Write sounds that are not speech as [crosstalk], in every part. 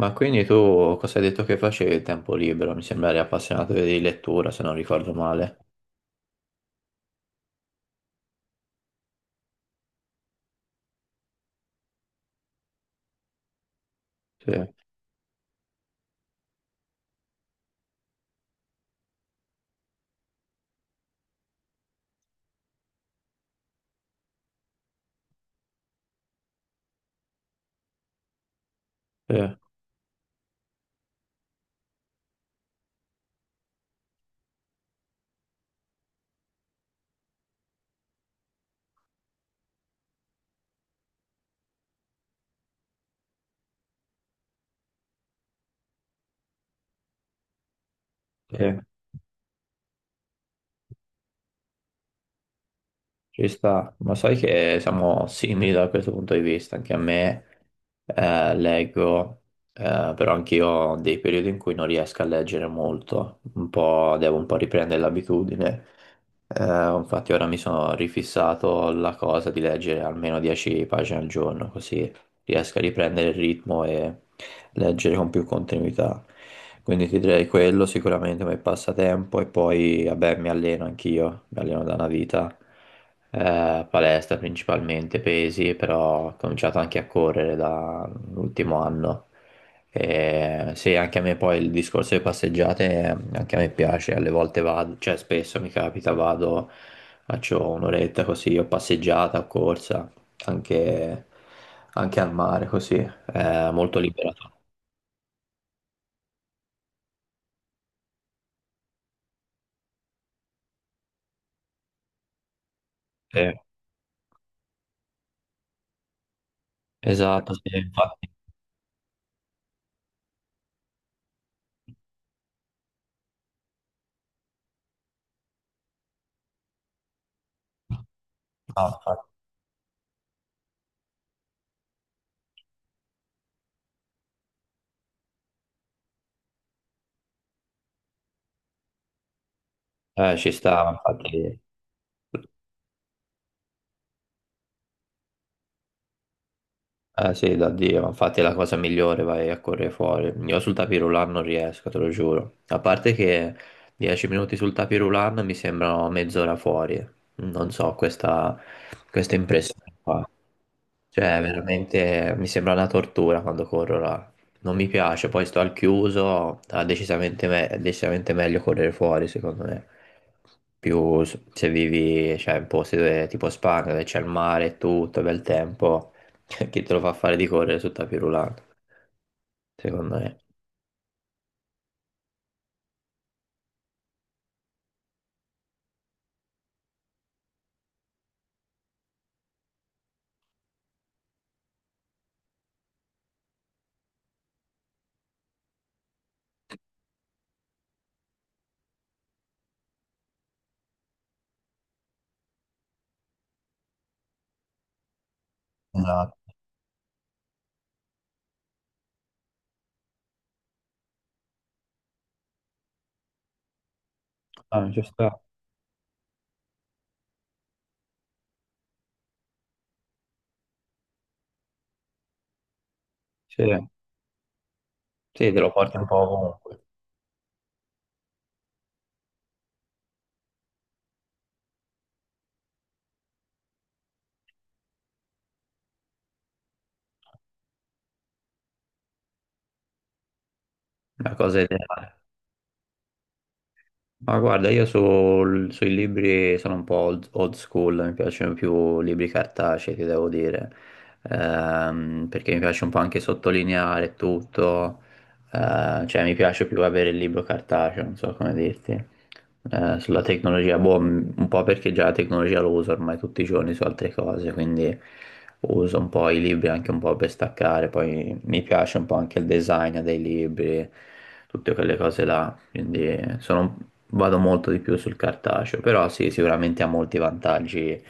Ma quindi tu cosa hai detto che facevi il tempo libero? Mi sembra eri appassionato di lettura, se non ricordo male. Sì, sì, sì, ci sta. Ma sai che siamo simili da questo punto di vista. Anche a me leggo, però anch'io ho dei periodi in cui non riesco a leggere molto. Un po', devo un po' riprendere l'abitudine. Eh, Infatti ora mi sono rifissato la cosa di leggere almeno 10 pagine al giorno, così riesco a riprendere il ritmo e leggere con più continuità. Quindi ti direi quello sicuramente come passatempo e poi vabbè mi alleno anch'io, mi alleno da una vita, palestra principalmente, pesi, però ho cominciato anche a correre dall'ultimo anno. E sì, anche a me poi il discorso delle passeggiate, anche a me piace, alle volte vado, cioè spesso mi capita, vado, faccio un'oretta così, o passeggiata, o corsa, anche, anche al mare così, è molto liberato. Sì, esatto, sì, infatti, no, ci stava, infatti, sì, da Dio, ma infatti è la cosa migliore, vai a correre fuori. Io sul tapirulan non riesco, te lo giuro. A parte che 10 minuti sul tapirulan mi sembrano mezz'ora fuori, non so, questa impressione qua. Cioè, veramente mi sembra una tortura quando corro là. Non mi piace, poi sto al chiuso, decisamente è decisamente meglio correre fuori, secondo me. Più se vivi, cioè, in posti dove, tipo Spagna, dove c'è il mare e tutto, bel tempo, [laughs] chi te lo fa fare di correre su tapis roulant, secondo me. Esatto, ah, ci sta. Sì. Sì, te lo porti un po' ovunque, la cosa ideale. Ma guarda, io sui libri sono un po' old, old school, mi piacciono più libri cartacei, ti devo dire. Perché mi piace un po' anche sottolineare tutto, cioè mi piace più avere il libro cartaceo, non so come dirti. Sulla tecnologia, boh, un po' perché già la tecnologia lo uso ormai tutti i giorni su altre cose, quindi uso un po' i libri anche un po' per staccare, poi mi piace un po' anche il design dei libri, tutte quelle cose là, quindi sono, vado molto di più sul cartaceo, però sì, sicuramente ha molti vantaggi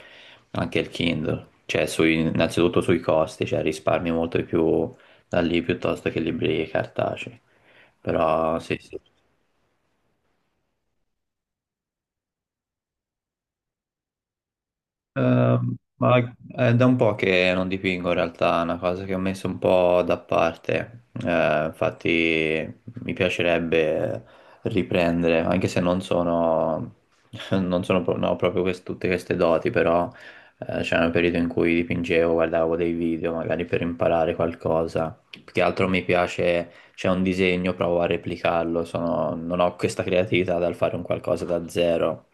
anche il Kindle, cioè innanzitutto sui costi, cioè risparmi molto di più da lì piuttosto che libri cartacei. Però sì, sì. Ma è da un po' che non dipingo in realtà, è una cosa che ho messo un po' da parte. Infatti mi piacerebbe riprendere, anche se non sono, [laughs] non ho proprio tutte queste doti, però c'era un periodo in cui dipingevo, guardavo dei video magari per imparare qualcosa. Più che altro mi piace, c'è un disegno, provo a replicarlo, non ho questa creatività dal fare un qualcosa da zero,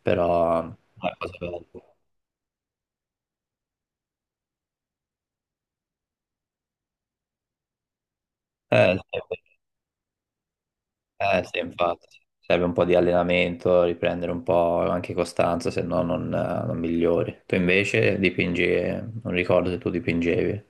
però è una cosa bella. Sì, sì, infatti, serve un po' di allenamento, riprendere un po' anche costanza, se no non, non migliori. Tu invece dipingi, non ricordo se tu dipingevi.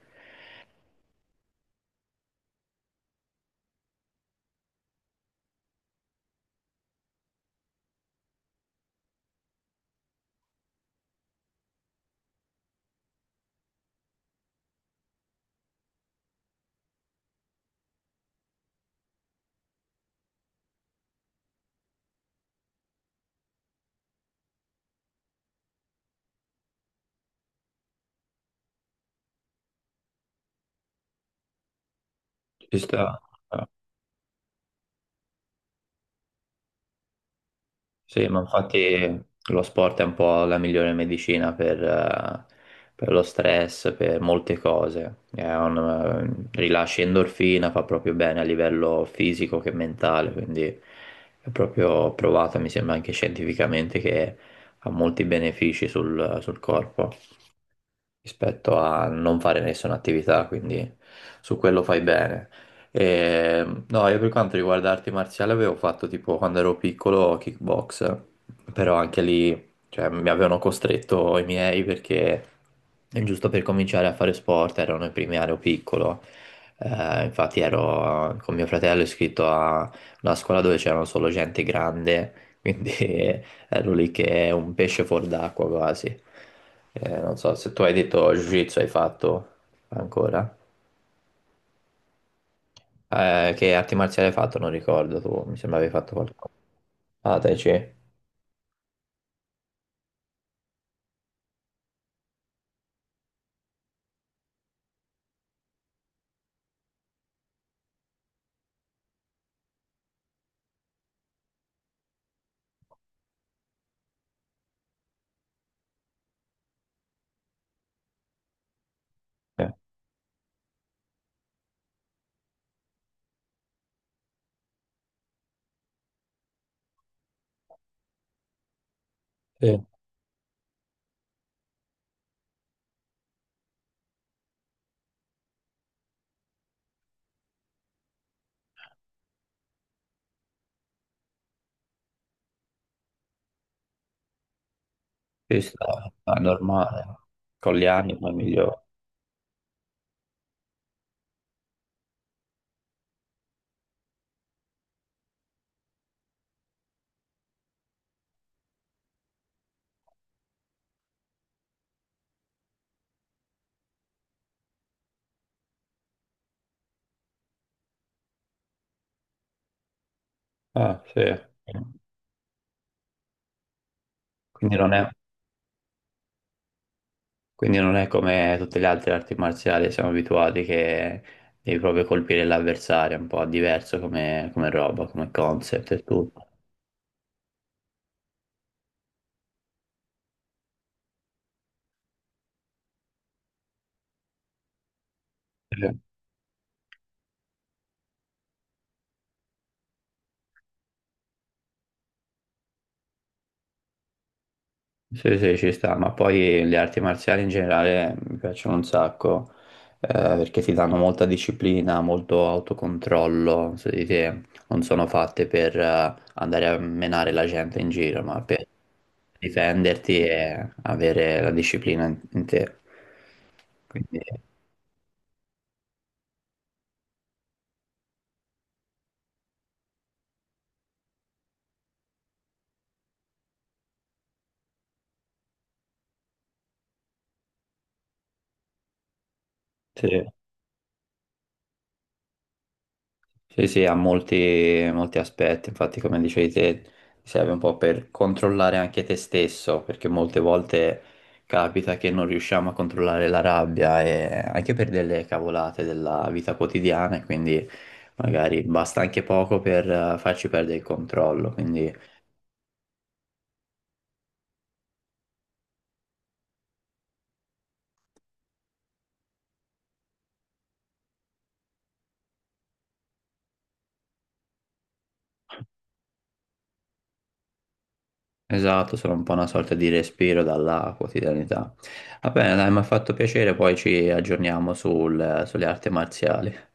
Ci sta. Sì, ma infatti lo sport è un po' la migliore medicina per lo stress, per molte cose. È un, rilascia endorfina, fa proprio bene a livello fisico che mentale, quindi è proprio provato, mi sembra anche scientificamente, che ha molti benefici sul, sul corpo rispetto a non fare nessuna attività, quindi su quello fai bene. E, no, io per quanto riguarda arti marziali avevo fatto tipo quando ero piccolo kickbox, però anche lì, cioè, mi avevano costretto i miei perché giusto per cominciare a fare sport erano i primi anni ero piccolo. Infatti ero con mio fratello iscritto a una scuola dove c'erano solo gente grande, quindi [laughs] ero lì che è un pesce fuor d'acqua quasi. Non so, se tu hai detto Jiu-Jitsu hai fatto ancora. Che arti marziali hai fatto? Non ricordo, tu mi sembra avevi fatto qualcosa. Ah, Tai Chi. Sì, ci sta, ma è normale. Con gli anni poi migliore. Ah, sì. Quindi non è, quindi non è come tutte le altre arti marziali, siamo abituati che devi proprio colpire l'avversario, è un po' diverso come, come roba, come concept e tutto. Sì, sì, ci sta, ma poi le arti marziali in generale mi piacciono un sacco, perché ti danno molta disciplina, molto autocontrollo su di te, non sono fatte per andare a menare la gente in giro, ma per difenderti e avere la disciplina in, in te. Quindi, sì. Sì, sì, ha molti, molti aspetti, infatti come dicevi te, ti serve un po' per controllare anche te stesso, perché molte volte capita che non riusciamo a controllare la rabbia e anche per delle cavolate della vita quotidiana, e quindi magari basta anche poco per farci perdere il controllo, quindi esatto, sono un po' una sorta di respiro dalla quotidianità. Va bene, dai, mi ha fatto piacere, poi ci aggiorniamo sulle arti marziali.